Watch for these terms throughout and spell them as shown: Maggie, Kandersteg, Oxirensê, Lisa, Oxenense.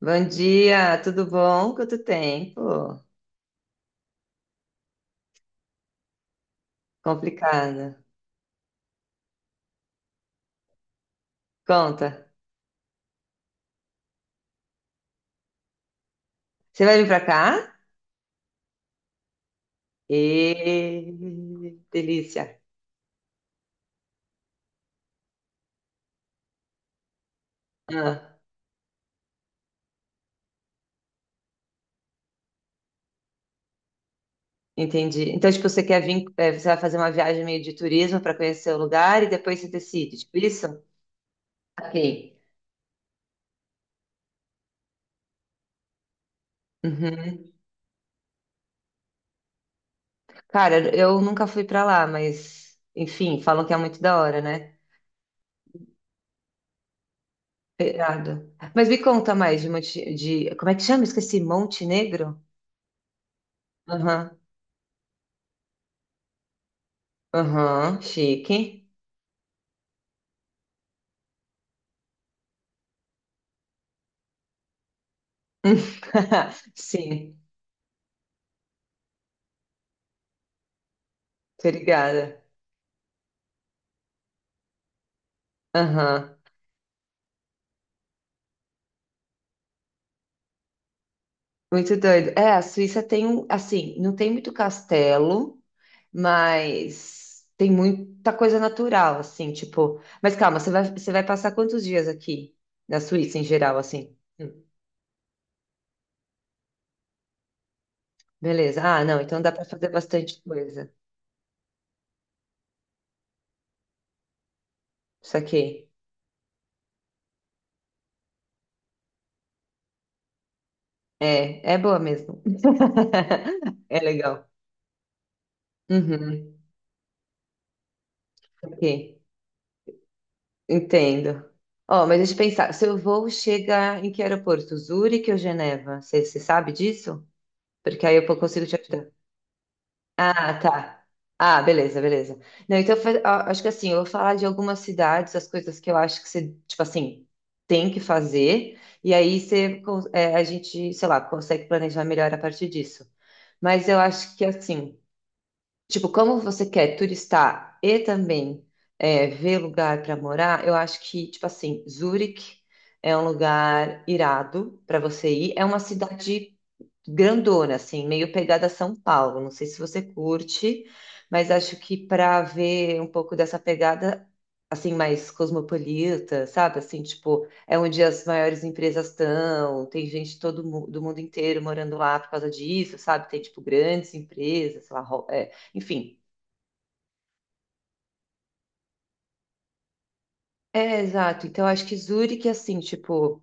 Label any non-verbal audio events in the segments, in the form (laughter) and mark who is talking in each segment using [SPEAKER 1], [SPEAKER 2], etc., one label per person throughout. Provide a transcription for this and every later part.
[SPEAKER 1] Bom dia, tudo bom? Quanto tempo? Complicado. Conta. Você vai vir pra cá? E delícia. Ah, entendi. Então, tipo, você quer vir, você vai fazer uma viagem meio de turismo para conhecer o lugar e depois você decide, tipo isso? Ok. Uhum. Cara, eu nunca fui pra lá, mas enfim, falam que é muito da hora, né? Irado. Mas me conta mais de, de como é que chama? Esqueci, Montenegro? Aham, aham, chique. (laughs) Sim, tô ligada. Aham. Muito doido. É, a Suíça tem um, assim, não tem muito castelo, mas tem muita coisa natural, assim, tipo. Mas calma, você vai passar quantos dias aqui na Suíça em geral, assim? Beleza. Ah, não, então dá pra fazer bastante coisa. Isso aqui. É, é boa mesmo. (laughs) É legal. Uhum. Ok. Entendo. Ó, mas deixa eu pensar, seu voo chega em que aeroporto? Zurique ou Geneva? Você sabe disso? Porque aí eu consigo te ajudar. Ah, tá. Ah, beleza, beleza. Não, então acho que assim, eu vou falar de algumas cidades, as coisas que eu acho que você, tipo assim, tem que fazer, e aí você, é, a gente, sei lá, consegue planejar melhor a partir disso. Mas eu acho que assim. Tipo, como você quer turistar e também é, ver lugar para morar, eu acho que, tipo assim, Zurich é um lugar irado para você ir. É uma cidade grandona, assim, meio pegada São Paulo. Não sei se você curte, mas acho que para ver um pouco dessa pegada, assim, mais cosmopolita, sabe? Assim, tipo, é onde as maiores empresas estão, tem gente do mundo inteiro morando lá por causa disso, sabe? Tem, tipo, grandes empresas, sei lá, é, enfim. É, exato. Então, acho que Zurique, assim, tipo.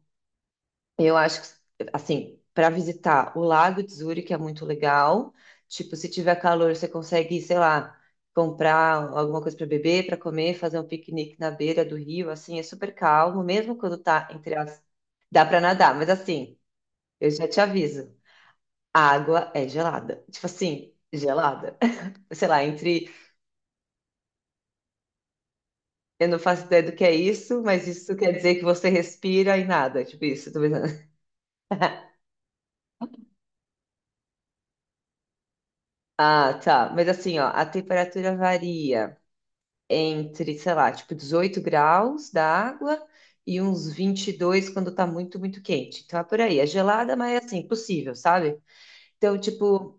[SPEAKER 1] Eu acho que, assim, para visitar o Lago de Zurich é muito legal. Tipo, se tiver calor, você consegue, sei lá, comprar alguma coisa para beber, para comer, fazer um piquenique na beira do rio, assim, é super calmo, mesmo quando tá entre as. Dá para nadar, mas assim, eu já te aviso, a água é gelada. Tipo assim, gelada. (laughs) Sei lá, entre. Eu não faço ideia do que é isso, mas isso quer dizer que você respira e nada. Tipo isso, tô pensando. (laughs) Ah, tá. Mas assim, ó, a temperatura varia, entre, sei lá, tipo 18 graus da água e uns 22 quando tá muito, muito quente. Então é por aí. É gelada, mas é assim, possível, sabe? Então, tipo,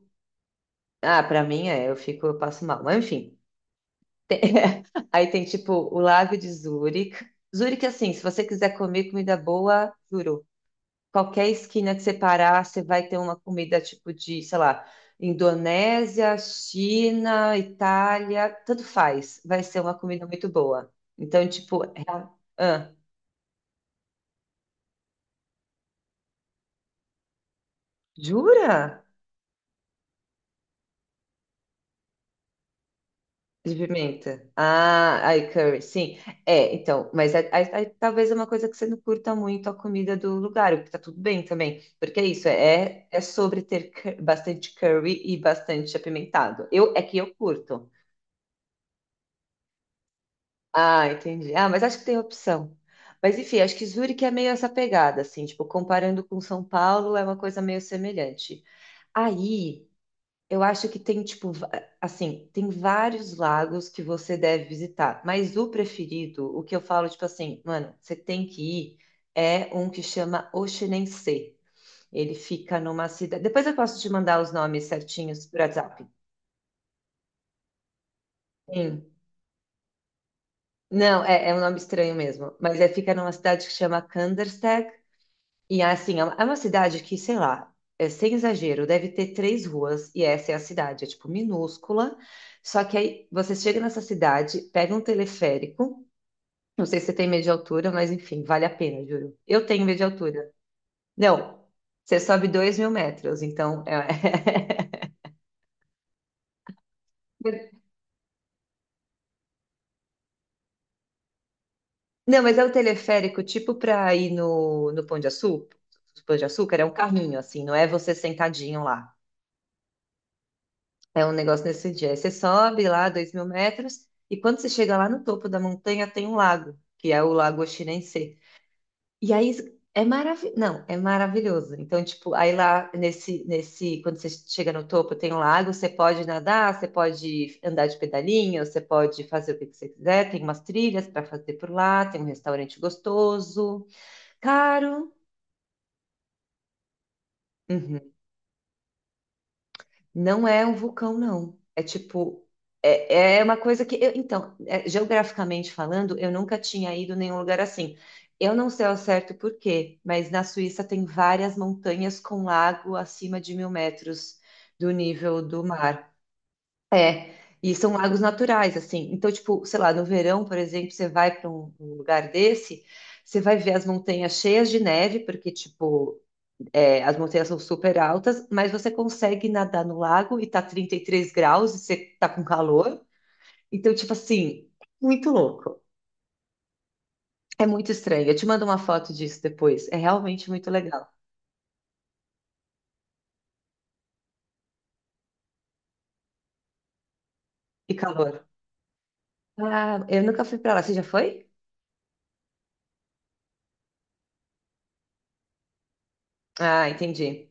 [SPEAKER 1] ah, pra mim é, eu fico, eu passo mal. Mas enfim. (laughs) Aí tem, tipo, o Lago de Zurique. Zurique, assim, se você quiser comer comida boa, juro. Qualquer esquina que você parar, você vai ter uma comida tipo de, sei lá, Indonésia, China, Itália, tanto faz. Vai ser uma comida muito boa. Então, tipo, é ah, jura? De pimenta. Ah, aí curry, sim. É, então, mas aí, aí talvez é uma coisa que você não curta muito a comida do lugar, o que tá tudo bem também. Porque é isso, é, é sobre ter bastante curry e bastante apimentado. Eu, é que eu curto. Ah, entendi. Ah, mas acho que tem opção. Mas enfim, acho que Zurique é meio essa pegada, assim, tipo, comparando com São Paulo, é uma coisa meio semelhante. Aí, eu acho que tem, tipo, assim, tem vários lagos que você deve visitar, mas o preferido, o que eu falo, tipo assim, mano, você tem que ir, é um que chama Oxenense. Ele fica numa cidade. Depois eu posso te mandar os nomes certinhos por WhatsApp. Sim. Não, é, é um nome estranho mesmo, mas é, fica numa cidade que chama Kandersteg. E assim, é uma cidade que, sei lá, é, sem exagero, deve ter três ruas e essa é a cidade, é tipo minúscula. Só que aí você chega nessa cidade, pega um teleférico. Não sei se você tem medo de altura, mas enfim, vale a pena, juro. Eu tenho medo de altura. Não, você sobe 2.000 metros, então. É... (laughs) Não, mas é o teleférico tipo para ir no, Pão de Açúcar. Pão de Açúcar é um carrinho, assim, não é você sentadinho lá. É um negócio nesse dia. Aí você sobe lá 2.000 metros e quando você chega lá no topo da montanha tem um lago, que é o Lago Oxirensê. E aí é maravilhoso. Não, é maravilhoso. Então, tipo, aí lá quando você chega no topo tem um lago, você pode nadar, você pode andar de pedalinho, você pode fazer o que que você quiser. Tem umas trilhas para fazer por lá, tem um restaurante gostoso, caro. Uhum. Não é um vulcão, não. É tipo, é, é uma coisa que eu, então, é, geograficamente falando, eu nunca tinha ido em nenhum lugar assim. Eu não sei ao certo por quê, mas na Suíça tem várias montanhas com lago acima de 1.000 metros do nível do mar. É, e são lagos naturais, assim. Então, tipo, sei lá, no verão, por exemplo, você vai para um lugar desse, você vai ver as montanhas cheias de neve, porque, tipo, é, as montanhas são super altas, mas você consegue nadar no lago e tá 33 graus e você tá com calor. Então, tipo assim, muito louco. É muito estranho. Eu te mando uma foto disso depois. É realmente muito legal. E calor. Ah, eu nunca fui pra lá. Você já foi? Ah, entendi.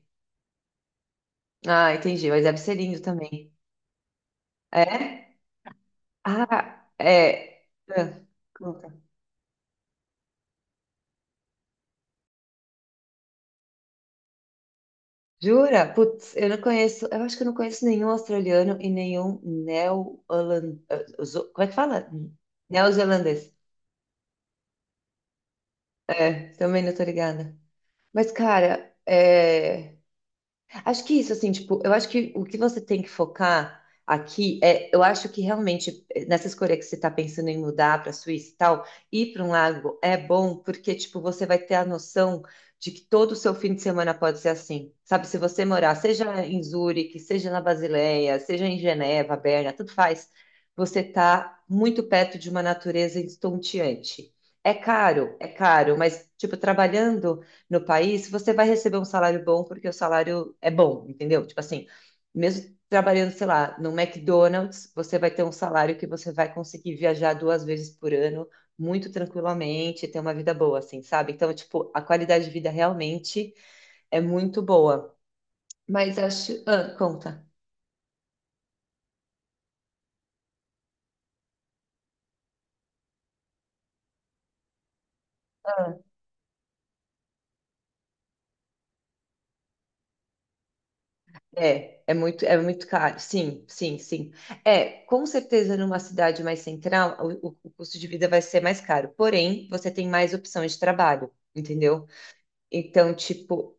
[SPEAKER 1] Ah, entendi. Mas deve ser lindo também. É? Ah, é. Ah, conta. Jura? Putz, eu não conheço, eu acho que eu não conheço nenhum australiano e nenhum neo-holandês. Como é que fala? Neozelandês. É, também não tô ligada. Mas, cara, é. Acho que isso, assim, tipo, eu acho que o que você tem que focar aqui é, eu acho que realmente nessa escolha que você está pensando em mudar para a Suíça e tal, ir para um lago é bom porque, tipo, você vai ter a noção de que todo o seu fim de semana pode ser assim, sabe? Se você morar, seja em Zurique, seja na Basileia, seja em Geneva, Berna, tudo faz, você está muito perto de uma natureza estonteante. É caro, mas, tipo, trabalhando no país, você vai receber um salário bom porque o salário é bom, entendeu? Tipo assim, mesmo trabalhando, sei lá, no McDonald's, você vai ter um salário que você vai conseguir viajar 2 vezes por ano muito tranquilamente, ter uma vida boa, assim, sabe? Então, tipo, a qualidade de vida realmente é muito boa. Mas acho. Ah, conta. É, é muito caro. Sim, sim, sim. É, com certeza numa cidade mais central, o custo de vida vai ser mais caro. Porém, você tem mais opções de trabalho, entendeu? Então, tipo,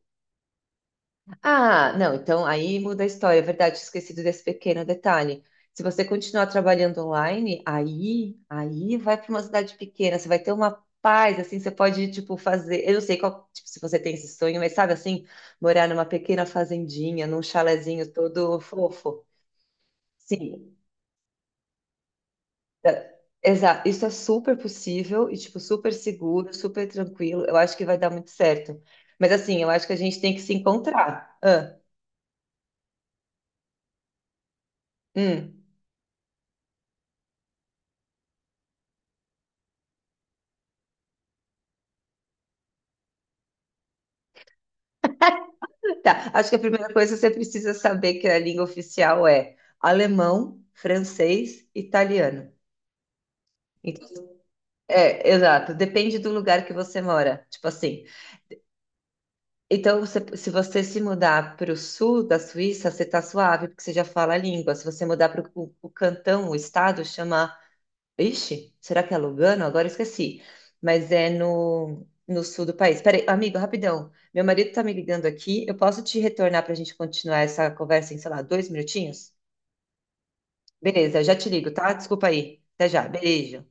[SPEAKER 1] ah, não, então aí muda a história, é verdade, tinha esquecido desse pequeno detalhe. Se você continuar trabalhando online, aí vai para uma cidade pequena, você vai ter uma paz, assim, você pode, tipo, fazer, eu não sei qual, tipo, se você tem esse sonho, mas sabe assim, morar numa pequena fazendinha, num chalezinho todo fofo. Sim, exato, isso é super possível e, tipo, super seguro, super tranquilo, eu acho que vai dar muito certo. Mas assim, eu acho que a gente tem que se encontrar. Ah, hum. Tá, acho que a primeira coisa você precisa saber que a língua oficial é alemão, francês, italiano. Então, é, exato, depende do lugar que você mora. Tipo assim, se você se mudar para o sul da Suíça, você tá suave, porque você já fala a língua. Se você mudar para o cantão, o estado, chama Ixi, será que é Lugano? Agora eu esqueci. Mas é no sul do país. Peraí, amigo, rapidão. Meu marido tá me ligando aqui. Eu posso te retornar para a gente continuar essa conversa em, sei lá, 2 minutinhos? Beleza, eu já te ligo, tá? Desculpa aí. Até já. Beijo.